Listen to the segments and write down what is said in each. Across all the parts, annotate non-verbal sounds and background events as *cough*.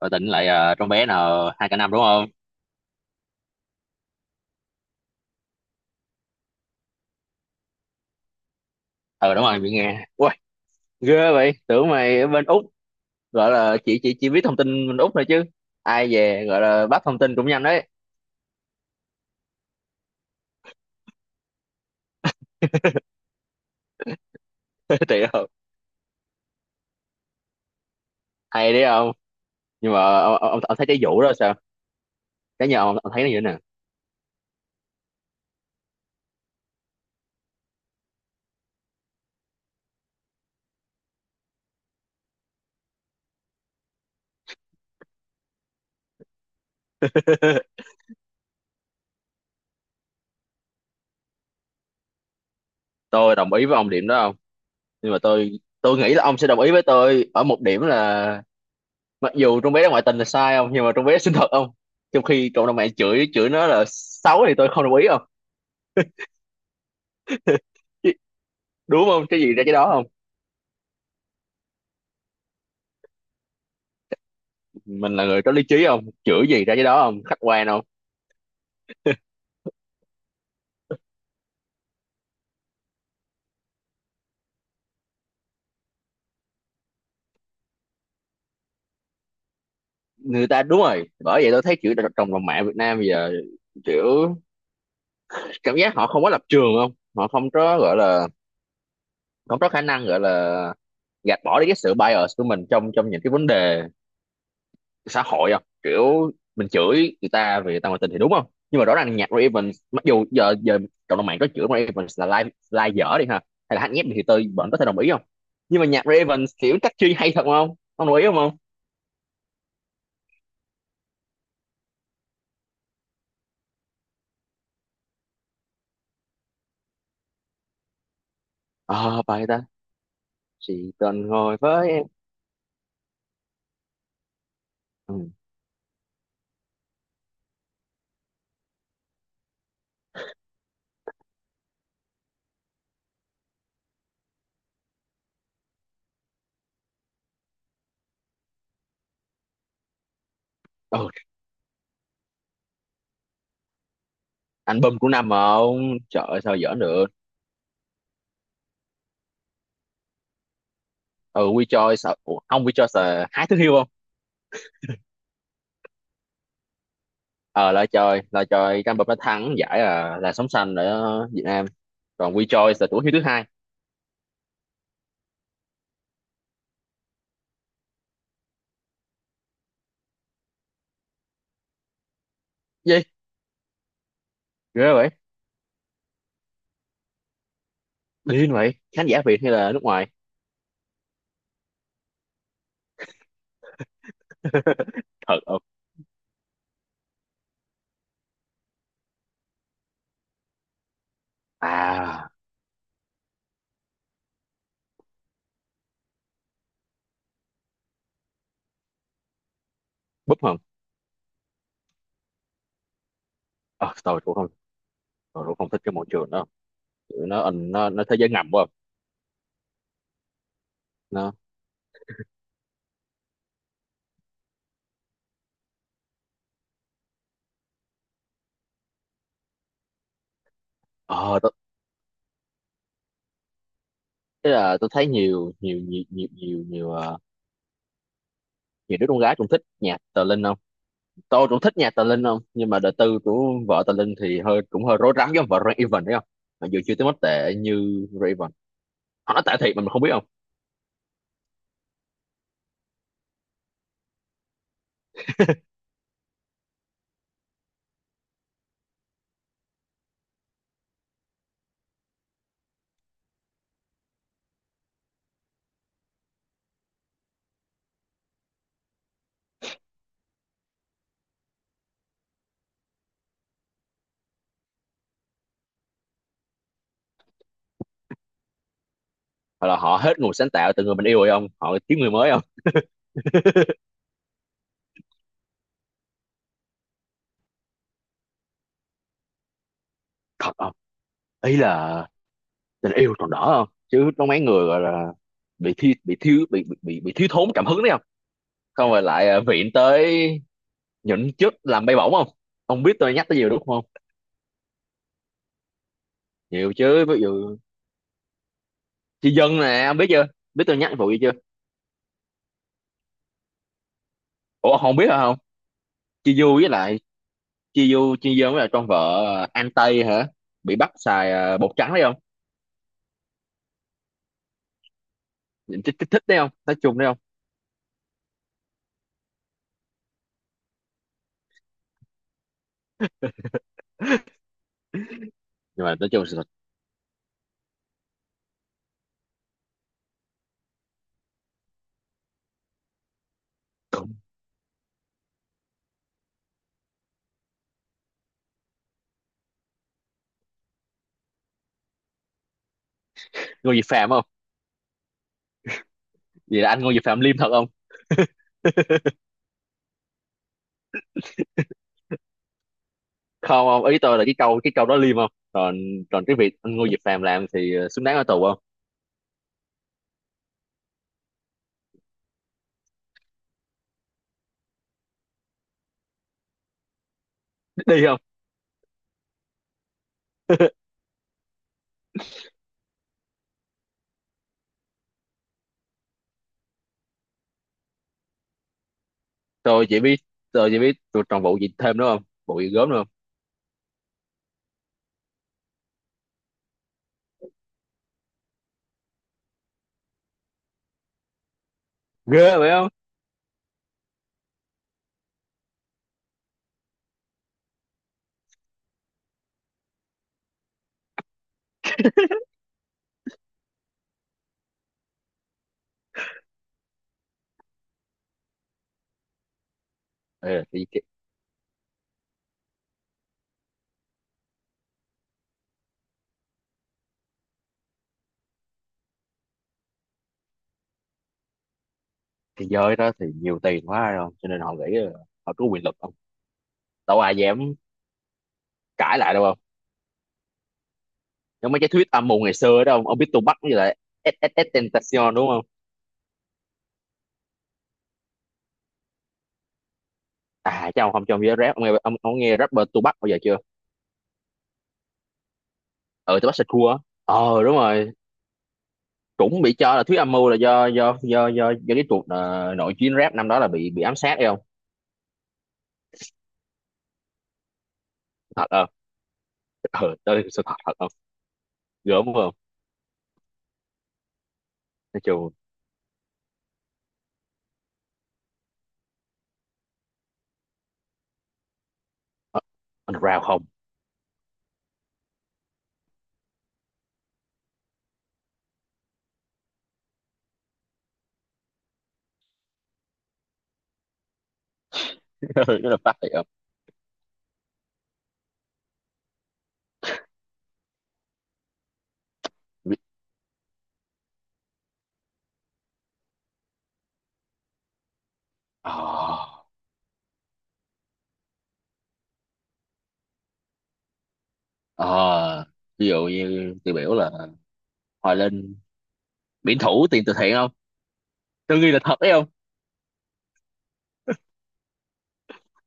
Rồi tỉnh lại trong bé nào hai cả năm, đúng không? Ờ, đúng rồi, bị nghe ui. Ghê vậy, tưởng mày ở bên Úc. Gọi là chị chỉ biết thông tin bên Úc thôi chứ. Ai về gọi là bắt thông tin cũng nhanh đấy. *laughs* Thì không. Hay đấy không? Nhưng mà ông thấy cái vụ đó sao? Cái nhà ông thấy nó như thế nào? *laughs* Tôi đồng ý với ông điểm đó không. Nhưng mà tôi nghĩ là ông sẽ đồng ý với tôi ở một điểm là mặc dù trong bé đó ngoại tình là sai không, nhưng mà trong bé xinh thật không, trong khi cộng đồng mạng chửi chửi nó là xấu thì tôi không đồng ý không. Chứ- Đúng không, cái gì ra cái đó không. Mình là người có lý trí không, chửi gì ra cái đó không, khách quan không. Người ta đúng rồi, bởi vậy tôi thấy chữ trong lòng mạng Việt Nam bây giờ kiểu cảm giác họ không có lập trường không, họ không có gọi là không có khả năng gọi là gạt bỏ đi cái sự bias của mình trong trong những cái vấn đề xã hội không, kiểu mình chửi người ta vì người ta ngoại tình thì đúng không. Nhưng mà rõ ràng nhạc Ray Evans, mặc dù giờ giờ cộng đồng mạng có chửi Ray Evans là live live dở đi ha, hay là hát nhép đi, thì tôi vẫn có thể đồng ý không. Nhưng mà nhạc Ray Evans kiểu chắc chi hay thật không, ông đồng ý không không? Ờ À, bài ta. Chỉ cần ngồi với em. Ừ. Ừ. Album của năm mà ông, trời ơi, sao giỡn được. Ừ, We Joy sợ. Ủa, ông We Joy sợ hái thứ hiêu không? Ờ Là trời, cái album nó thắng giải là sống xanh ở Việt Nam, còn We Joy là tuổi hiêu thứ hai. Gì? Ghê vậy. Điên vậy, khán giả Việt hay là nước ngoài? *laughs* Thật không? À. Búp không. Ờ, tôi cũng không. Tôi cũng không thích cái môi trường đó. Tụi nó thế giới ngầm quá. Nó. Ờ tôi Thế là tôi thấy nhiều nhiều nhiều nhiều nhiều nhiều nhiều đứa con gái cũng thích nhạc tờ Linh không. Tôi cũng thích nhạc tờ Linh không, nhưng mà đời tư của vợ tờ Linh thì cũng hơi rối rắm giống vợ Ray Evan đấy không. Mặc dù chưa tới mức tệ như Ray Evan, họ nói tệ thiệt mà mình không biết không. Hoặc là họ hết nguồn sáng tạo từ người mình yêu rồi không, họ kiếm người mới không. *laughs* Thật không? Ý là tình yêu còn đỡ không, chứ có mấy người gọi là bị thi bị thiếu thốn cảm hứng đấy không. Không, rồi lại viện tới những chức làm bay bổng không. Ông biết tôi nhắc tới nhiều đúng không? Nhiều chứ, ví dụ chị Dân nè, ông biết chưa? Biết tôi nhắc vụ gì chưa? Ủa, không biết hả không? Chi Du với lại Chi Du với lại con vợ An Tây hả, bị bắt xài bột trắng đấy không. Thích thích thích đấy không, nói chung đấy không. *laughs* Nhưng mà nói chung là Ngô Diệp Phạm không. Vậy là anh Ngô Diệp Phạm liêm thật không? *laughs* Không, không, ý tôi là cái câu đó liêm không, còn còn cái việc anh Ngô Diệp Phạm làm thì xứng đáng ở tù không. Đi không. *laughs* tôi chỉ biết tôi chỉ biết tôi còn vụ gì thêm nữa không, vụ gì gớm nữa không? Ghê vậy không? Ừ, thì cái giới đó thì nhiều tiền quá rồi, cho nên họ nghĩ là họ có quyền lực, đâu ai dám cãi lại đâu không. Giống mấy cái thuyết âm mưu ngày xưa đó, ông biết Tupac với lại SS Tentacion đúng không? À, chắc ông không, cho ông nghe rap, ông nghe rapper Tupac bao giờ chưa? Ừ, Tupac Shakur á. Ờ, đúng rồi, cũng bị cho là thuyết âm mưu là do cái cuộc nội chiến rap năm đó là bị ám sát đấy không. Thật không? Ừ, đó là sự thật, thật không. Gớm không. Nói chung ờ, underground không. *laughs* Nó là phát thiệt không. Ờ. Ờ. Ví dụ như tiêu biểu là Hoài Linh biển thủ tiền từ thiện không. Tôi nghi là thật đấy.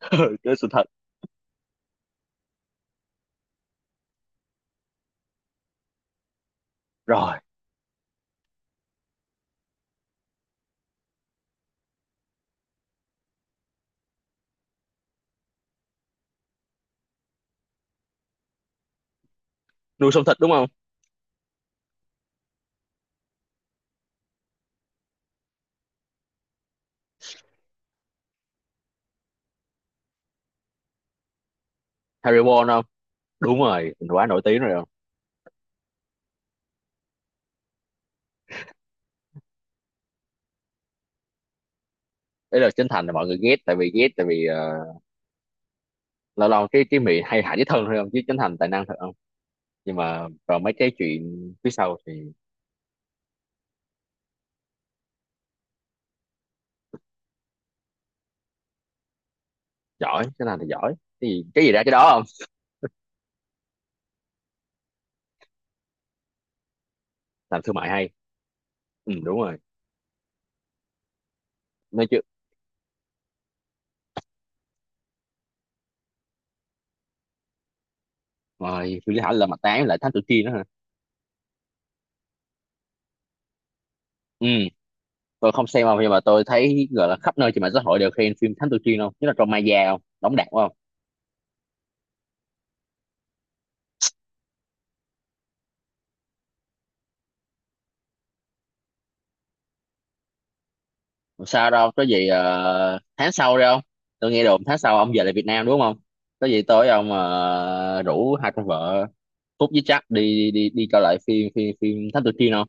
*laughs* Ừ, chơi sự thật. Rồi nuôi sống thịt đúng không? Harry Potter không. Đúng rồi, mình quá nổi tiếng rồi không. Đấy là Trấn Thành là mọi người ghét, tại vì lâu lâu cái miệng hay hại với thân thôi không, chứ Trấn Thành tài năng thật không. Nhưng mà còn mấy cái chuyện phía sau thì giỏi, Trấn Thành thì giỏi, cái gì ra cái đó không. Làm thương mại hay. Ừ, đúng rồi, nói chứ rồi phi Lý Hải là mặt tán lại Thám Tử Kiên nữa hả? Ừ, tôi không xem không, nhưng mà tôi thấy gọi là khắp nơi trên mạng xã hội đều khen phim Thám Tử Kiên không, nhất là trong Maya không đóng đạt quá không. Không sao đâu, có gì tháng sau đi không. Tôi nghe đồn tháng sau ông về lại Việt Nam đúng không? Có gì tối ông rủ hai con vợ Phúc với Trắc đi đi đi coi lại phim phim phim Thám Tử Kiên không.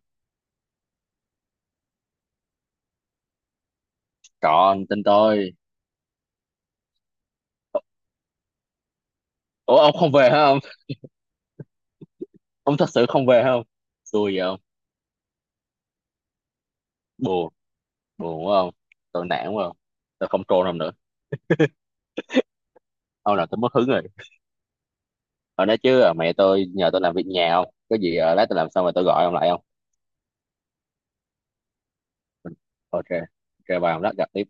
Còn tin tôi. Ủa, ông không về hả ông? Ông thật sự không về hả ông? Xui vậy không. Buồn buồn quá không. Tôi nản quá không. Tôi không trôn ông nữa. Ông là tôi mất hứng rồi. Ở, nói chứ mẹ tôi nhờ tôi làm việc nhà, không có gì, lát tôi làm xong rồi tôi gọi ông lại không. Ok. Ok bà, ông lát gặp đi.